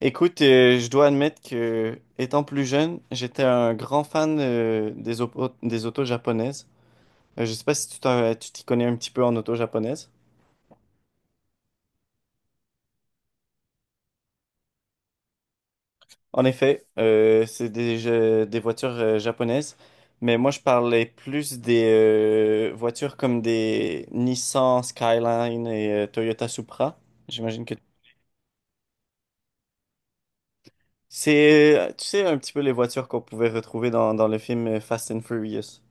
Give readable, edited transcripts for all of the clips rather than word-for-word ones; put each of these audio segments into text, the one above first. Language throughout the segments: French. Écoute, je dois admettre que, étant plus jeune, j'étais un grand fan des autos japonaises. Je sais pas si tu t'y connais un petit peu en auto japonaise. En effet, c'est des voitures japonaises, mais moi je parlais plus des voitures comme des Nissan Skyline et Toyota Supra. J'imagine que c'est, tu sais, un petit peu les voitures qu'on pouvait retrouver dans, le film Fast and Furious.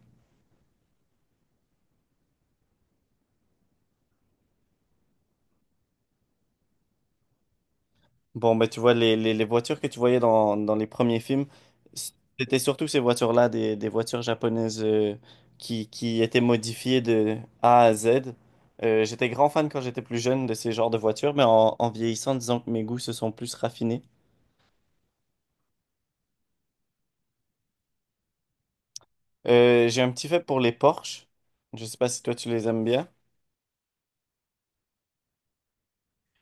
Bon, bah, tu vois, les voitures que tu voyais dans, les premiers films, c'était surtout ces voitures-là, des voitures japonaises qui, étaient modifiées de A à Z. J'étais grand fan quand j'étais plus jeune de ces genres de voitures, mais en, vieillissant, disons que mes goûts se sont plus raffinés. J'ai un petit fait pour les Porsche. Je sais pas si toi tu les aimes bien.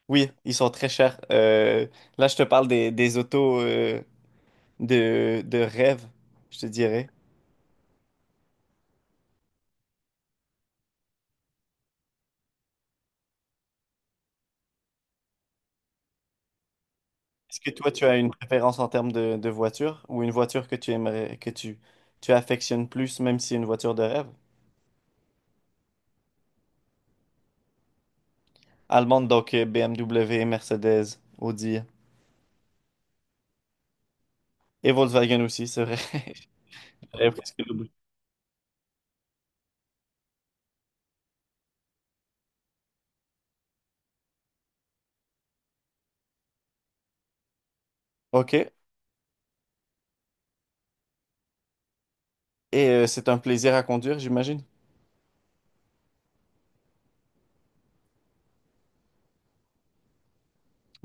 Oui, ils sont très chers. Là, je te parle des, autos de, rêve, je te dirais. Est-ce que toi, tu as une préférence en termes de, voiture ou une voiture que tu aimerais, tu affectionnes plus, même si c'est une voiture de rêve? Allemande, donc BMW, Mercedes, Audi et Volkswagen aussi, c'est vrai. J'avais presque l'oublié. Ok. Et c'est un plaisir à conduire, j'imagine.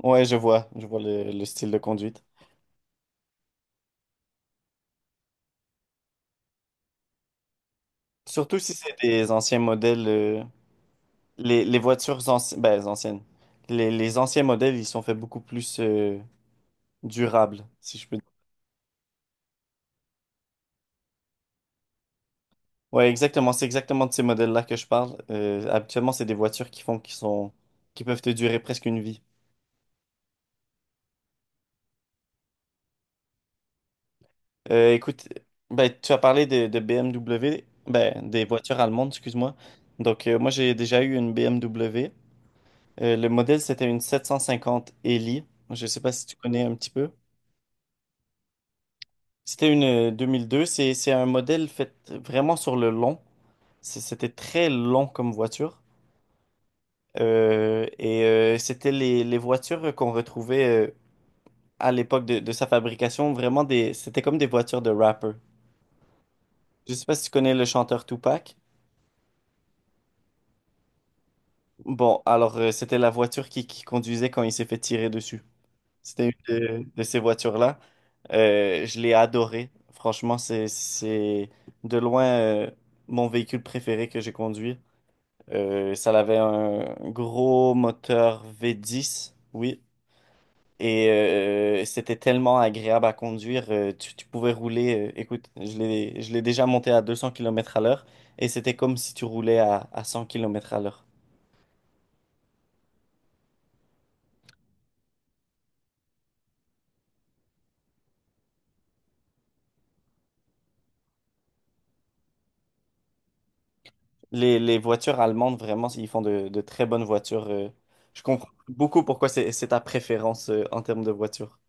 Ouais, je vois le, style de conduite. Surtout si c'est des anciens modèles, les, voitures anciennes. Les anciens modèles, ils sont faits beaucoup plus durables, si je peux Ouais, exactement. C'est exactement de ces modèles-là que je parle. Habituellement, c'est des voitures qui font, qui sont, qui peuvent te durer presque une vie. Écoute, ben, tu as parlé de, BMW, ben, des voitures allemandes, excuse-moi. Donc, moi, j'ai déjà eu une BMW. Le modèle, c'était une 750 Eli. Je ne sais pas si tu connais un petit peu. C'était une 2002. C'est un modèle fait vraiment sur le long. C'était très long comme voiture. Et c'était les, voitures qu'on retrouvait, à l'époque de, sa fabrication, vraiment c'était comme des voitures de rapper. Je sais pas si tu connais le chanteur Tupac. Bon, alors c'était la voiture qui, conduisait quand il s'est fait tirer dessus. C'était une de, ces voitures-là. Je l'ai adoré. Franchement, c'est de loin mon véhicule préféré que j'ai conduit. Ça avait un gros moteur V10, oui. Et c'était tellement agréable à conduire, tu, pouvais rouler. Écoute, je l'ai déjà monté à 200 km à l'heure. Et c'était comme si tu roulais à, 100 km à l'heure. Les voitures allemandes, vraiment, ils font de, très bonnes voitures. Je comprends beaucoup pourquoi c'est ta préférence en termes de voiture.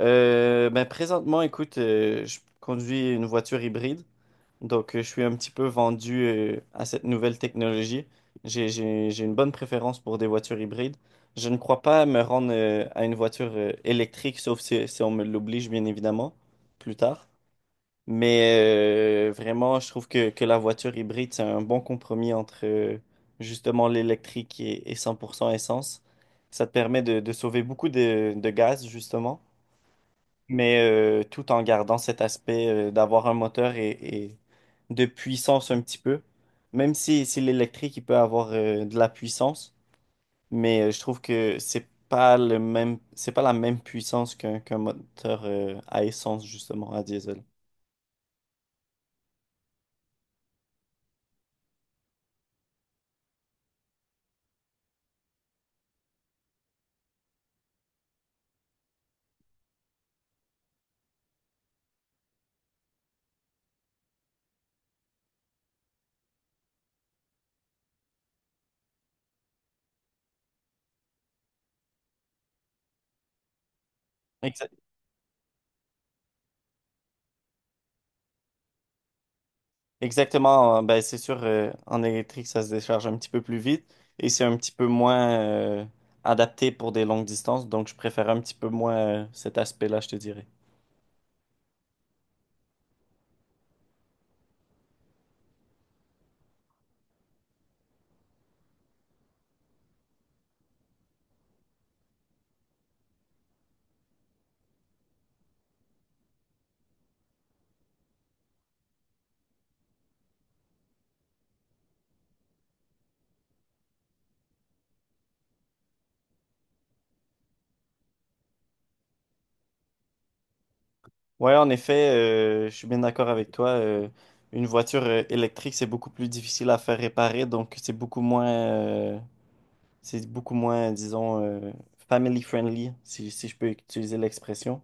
Ben, présentement, écoute, je conduis une voiture hybride. Donc, je suis un petit peu vendu à cette nouvelle technologie. J'ai une bonne préférence pour des voitures hybrides. Je ne crois pas me rendre à une voiture électrique, sauf si, on me l'oblige, bien évidemment, plus tard. Mais vraiment, je trouve que, la voiture hybride, c'est un bon compromis entre justement l'électrique et, 100% essence. Ça te permet de, sauver beaucoup de, gaz, justement mais tout en gardant cet aspect d'avoir un moteur et, de puissance un petit peu. Même si, l'électrique, il peut avoir de la puissance, mais je trouve que c'est pas le même, c'est pas la même puissance qu'un moteur à essence, justement, à diesel. Exa- Exactement, ben c'est sûr, en électrique, ça se décharge un petit peu plus vite et c'est un petit peu moins adapté pour des longues distances, donc je préfère un petit peu moins cet aspect-là, je te dirais. Ouais, en effet, je suis bien d'accord avec toi. Une voiture électrique, c'est beaucoup plus difficile à faire réparer, donc c'est beaucoup moins, disons, family friendly, si, je peux utiliser l'expression.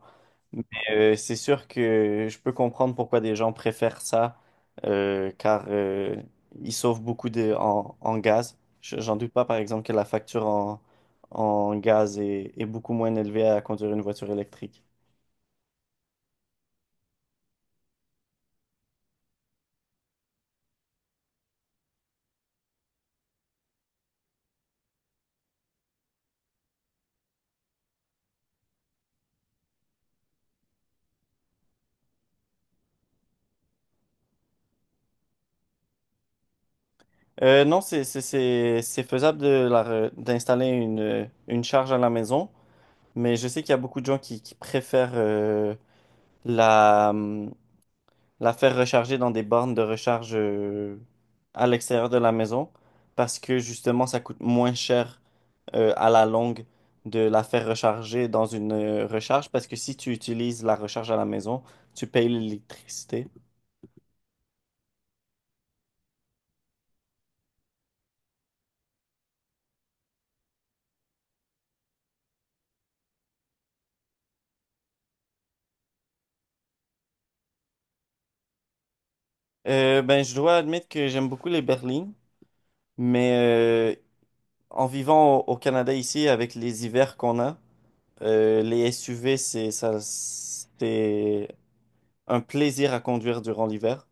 Mais c'est sûr que je peux comprendre pourquoi des gens préfèrent ça, car ils sauvent beaucoup en gaz. J'en doute pas, par exemple, que la facture en, gaz est, beaucoup moins élevée à conduire une voiture électrique. Non, c'est faisable de d'installer une, charge à la maison, mais je sais qu'il y a beaucoup de gens qui, préfèrent la, hum, la faire recharger dans des bornes de recharge à l'extérieur de la maison parce que justement, ça coûte moins cher à la longue de la faire recharger dans une recharge parce que si tu utilises la recharge à la maison, tu payes l'électricité. Ben, je dois admettre que j'aime beaucoup les berlines. Mais en vivant au, Canada ici, avec les hivers qu'on a, les SUV, c'est ça, c'est un plaisir à conduire durant l'hiver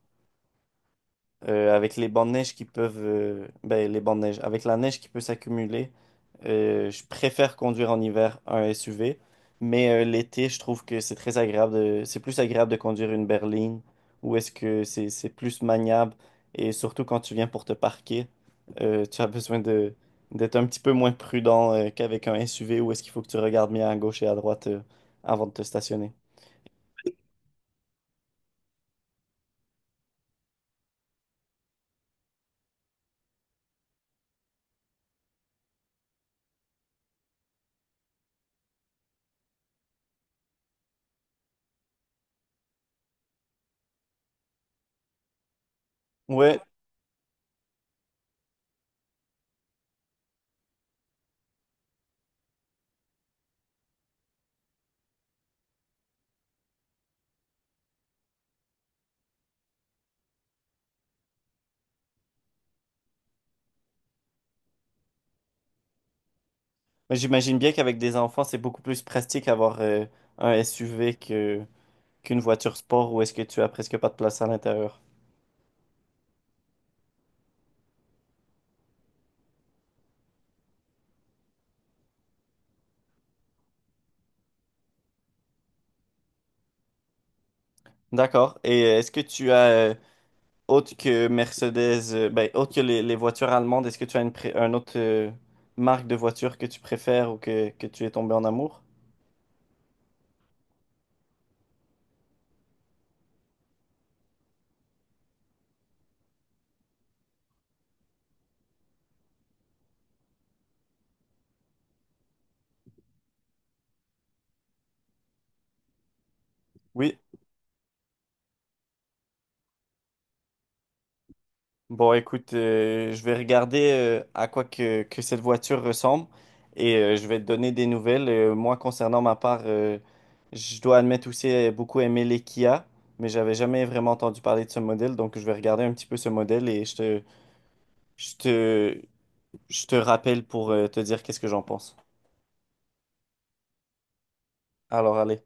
avec les bancs de neige avec la neige qui peut s'accumuler, je préfère conduire en hiver un SUV, mais l'été, je trouve que c'est très agréable de, c'est plus agréable de conduire une berline, où est-ce que c'est plus maniable, et surtout quand tu viens pour te parquer, tu as besoin de, d'être un petit peu moins prudent qu'avec un SUV, où est-ce qu'il faut que tu regardes bien à gauche et à droite avant de te stationner. Ouais, mais j'imagine bien qu'avec des enfants, c'est beaucoup plus pratique avoir un SUV que qu'une voiture sport où est-ce que tu as presque pas de place à l'intérieur. D'accord. Et est-ce que tu as autre que Mercedes, ben, autre que les, voitures allemandes, est-ce que tu as un autre marque de voiture que tu préfères ou que, tu es tombé en amour? Oui. Bon, écoute, je vais regarder à quoi que, cette voiture ressemble et je vais te donner des nouvelles. Moi, concernant ma part, je dois admettre aussi beaucoup aimer les Kia, mais j'avais jamais vraiment entendu parler de ce modèle, donc je vais regarder un petit peu ce modèle et je te, je te rappelle pour te dire qu'est-ce que j'en pense. Alors, allez.